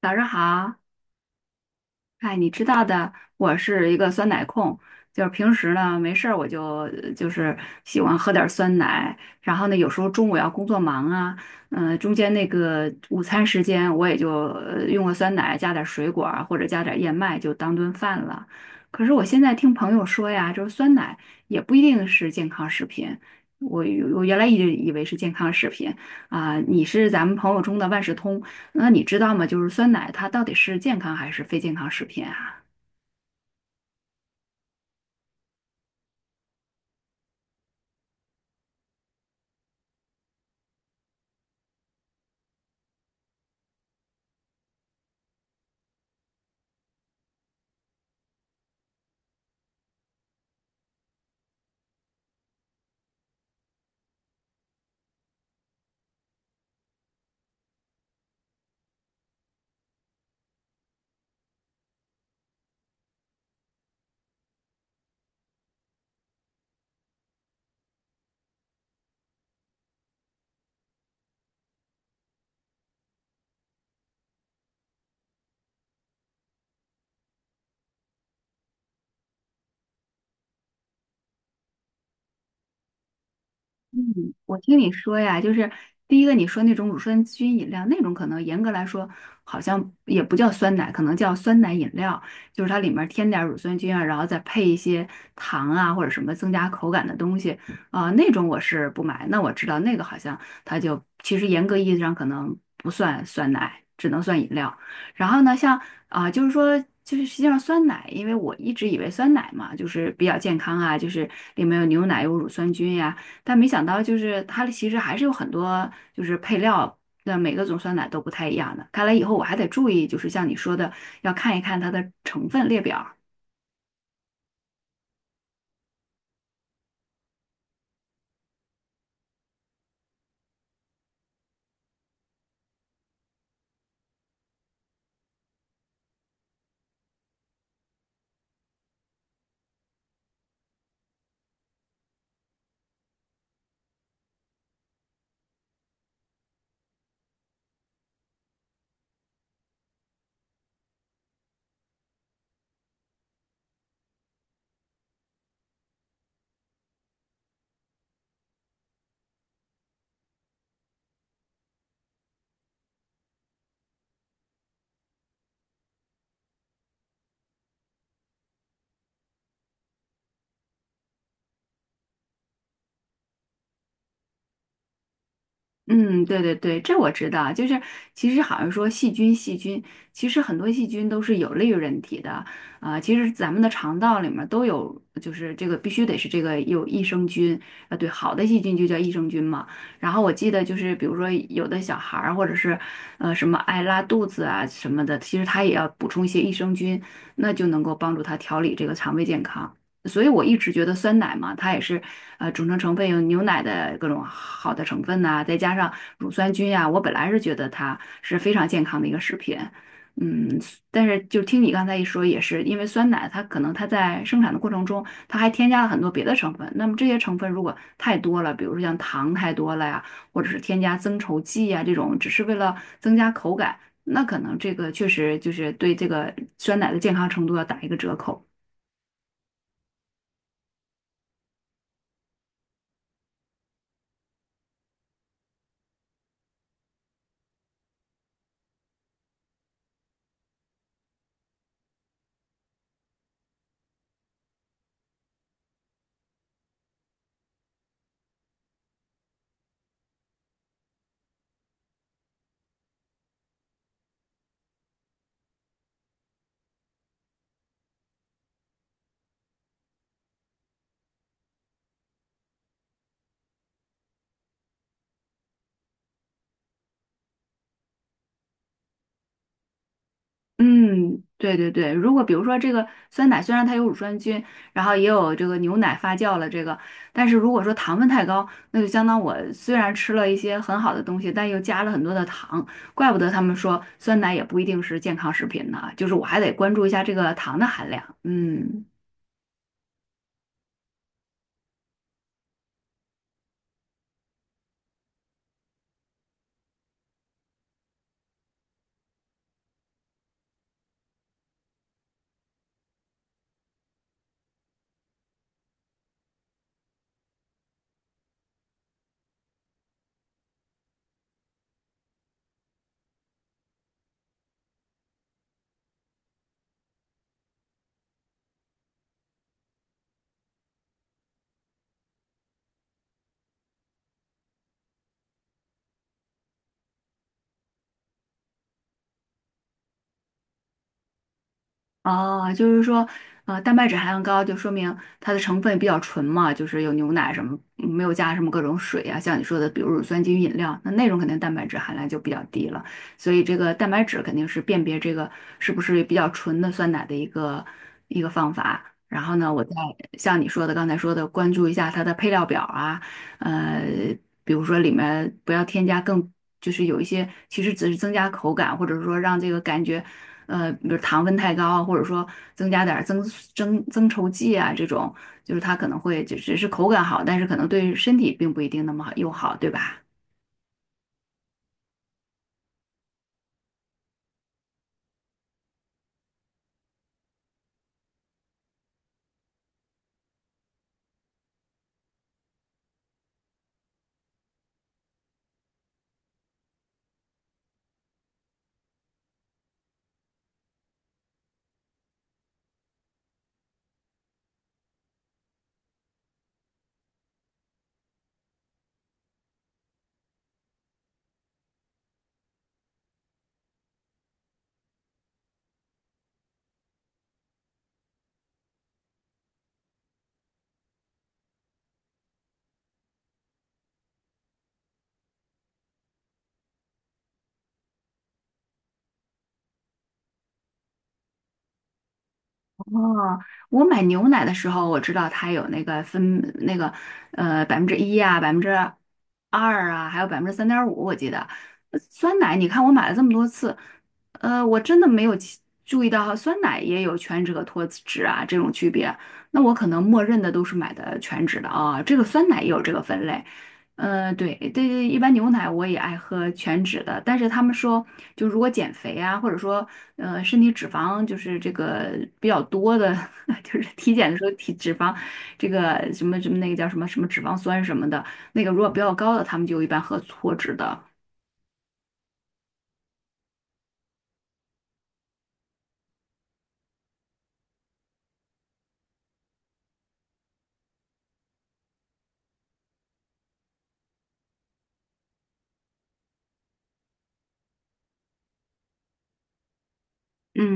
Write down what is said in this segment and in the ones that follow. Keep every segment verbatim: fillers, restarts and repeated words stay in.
早上好。哎，你知道的，我是一个酸奶控。就是平时呢没事儿我就呃就是喜欢喝点儿酸奶。然后呢有时候中午要工作忙啊，嗯、中间那个午餐时间我也就呃用个酸奶加点儿水果啊或者加点儿燕麦就当顿饭了。可是我现在听朋友说呀，就是酸奶也不一定是健康食品，我我原来一直以为是健康食品啊、你是咱们朋友中的万事通。那你知道吗？就是酸奶它到底是健康还是非健康食品啊？嗯，我听你说呀，就是第一个你说那种乳酸菌饮料，那种可能严格来说好像也不叫酸奶，可能叫酸奶饮料，就是它里面添点儿乳酸菌啊，然后再配一些糖啊或者什么增加口感的东西啊、那种我是不买。那我知道那个好像它就其实严格意义上可能不算酸奶，只能算饮料。然后呢，像啊、就是说。就是实际上酸奶，因为我一直以为酸奶嘛，就是比较健康啊，就是里面有牛奶有乳酸菌呀、但没想到就是它其实还是有很多就是配料。的每个种酸奶都不太一样的，看来以后我还得注意，就是像你说的，要看一看它的成分列表。嗯，对对对，这我知道。就是其实好像说细菌，细菌其实很多细菌都是有利于人体的啊、其实咱们的肠道里面都有，就是这个必须得是这个有益生菌啊、对，好的细菌就叫益生菌嘛。然后我记得就是比如说有的小孩儿或者是呃什么爱拉肚子啊什么的，其实他也要补充一些益生菌，那就能够帮助他调理这个肠胃健康。所以我一直觉得酸奶嘛，它也是呃组成成分有牛奶的各种好的成分呐、再加上乳酸菌呀、我本来是觉得它是非常健康的一个食品。嗯，但是就听你刚才一说，也是因为酸奶它可能它在生产的过程中，它还添加了很多别的成分，那么这些成分如果太多了，比如说像糖太多了呀，或者是添加增稠剂呀这种，只是为了增加口感，那可能这个确实就是对这个酸奶的健康程度要打一个折扣。嗯，对对对，如果比如说这个酸奶虽然它有乳酸菌，然后也有这个牛奶发酵了这个，但是如果说糖分太高，那就相当我虽然吃了一些很好的东西，但又加了很多的糖，怪不得他们说酸奶也不一定是健康食品呢，就是我还得关注一下这个糖的含量。嗯。哦，就是说，呃，蛋白质含量高，就说明它的成分比较纯嘛，就是有牛奶什么，嗯没有加什么各种水啊，像你说的，比如乳酸菌饮料，那那种肯定蛋白质含量就比较低了。所以这个蛋白质肯定是辨别这个是不是比较纯的酸奶的一个一个方法。然后呢，我再像你说的刚才说的，关注一下它的配料表啊。呃，比如说里面不要添加更，就是有一些其实只是增加口感，或者说让这个感觉。呃，比如糖分太高啊，或者说增加点儿增增增稠剂啊，这种就是它可能会就只是口感好，但是可能对身体并不一定那么好友好，对吧？哦，我买牛奶的时候，我知道它有那个分那个呃百分之一啊，百分之二啊，还有百分之三点五，我记得。呃酸奶，你看我买了这么多次，呃，我真的没有其注意到酸奶也有全脂和脱脂啊这种区别。那我可能默认的都是买的全脂的啊，这个酸奶也有这个分类。呃，对，对，一般牛奶我也爱喝全脂的，但是他们说，就如果减肥啊，或者说，呃，身体脂肪就是这个比较多的，就是体检的时候体脂肪，这个什么什么那个叫什么什么脂肪酸什么的。那个如果比较高的，他们就一般喝脱脂的。嗯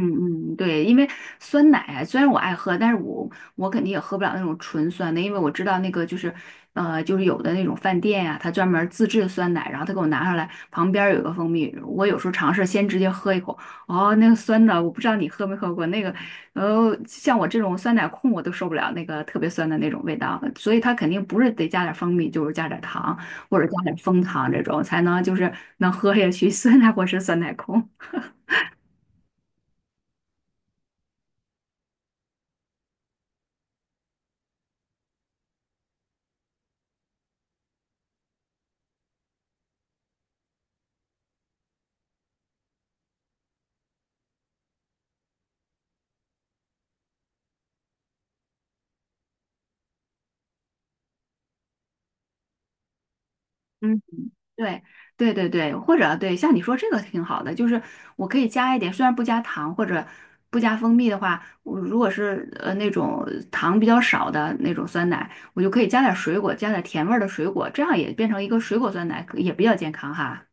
嗯，对，因为酸奶啊虽然我爱喝，但是我我肯定也喝不了那种纯酸的，因为我知道那个就是，呃，就是有的那种饭店呀、他专门儿自制的酸奶，然后他给我拿上来，旁边儿有一个蜂蜜，我有时候尝试先直接喝一口，哦，那个酸的，我不知道你喝没喝过那个。呃，像我这种酸奶控我都受不了那个特别酸的那种味道，所以他肯定不是得加点儿蜂蜜，就是加点儿糖或者加点儿枫糖这种才能就是能喝下去 酸奶我是酸奶控。嗯。对对对对，或者对，像你说这个挺好的，就是我可以加一点，虽然不加糖或者不加蜂蜜的话，我如果是呃那种糖比较少的那种酸奶，我就可以加点水果，加点甜味儿的水果，这样也变成一个水果酸奶，可也比较健康哈。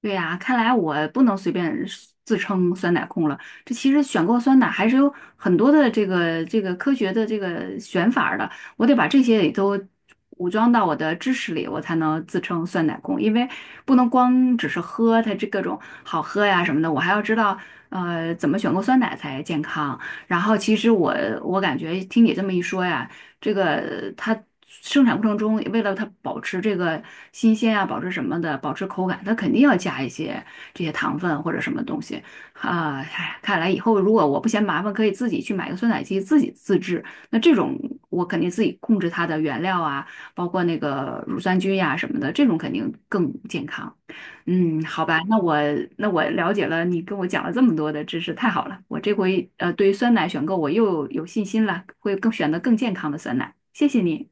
对呀，看来我不能随便自称酸奶控了。这其实选购酸奶还是有很多的这个这个科学的这个选法儿的，我得把这些也都武装到我的知识里，我才能自称酸奶控。因为不能光只是喝它这各种好喝呀什么的，我还要知道呃怎么选购酸奶才健康。然后其实我我感觉听你这么一说呀。这个它生产过程中，为了它保持这个新鲜啊，保持什么的，保持口感，它肯定要加一些这些糖分或者什么东西啊。唉看来以后如果我不嫌麻烦，可以自己去买个酸奶机自己自制。那这种我肯定自己控制它的原料啊，包括那个乳酸菌呀、什么的，这种肯定更健康。嗯，好吧，那我那我了解了，你跟我讲了这么多的知识，太好了。我这回呃，对于酸奶选购我又有信心了，会更选择更健康的酸奶。谢谢你。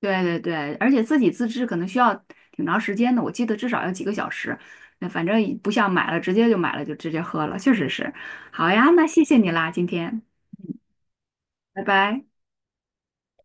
对对对，而且自己自制可能需要挺长时间的，我记得至少要几个小时。那反正也不像买了直接就买了就直接喝了，确实是。好呀，那谢谢你啦，今天，拜拜。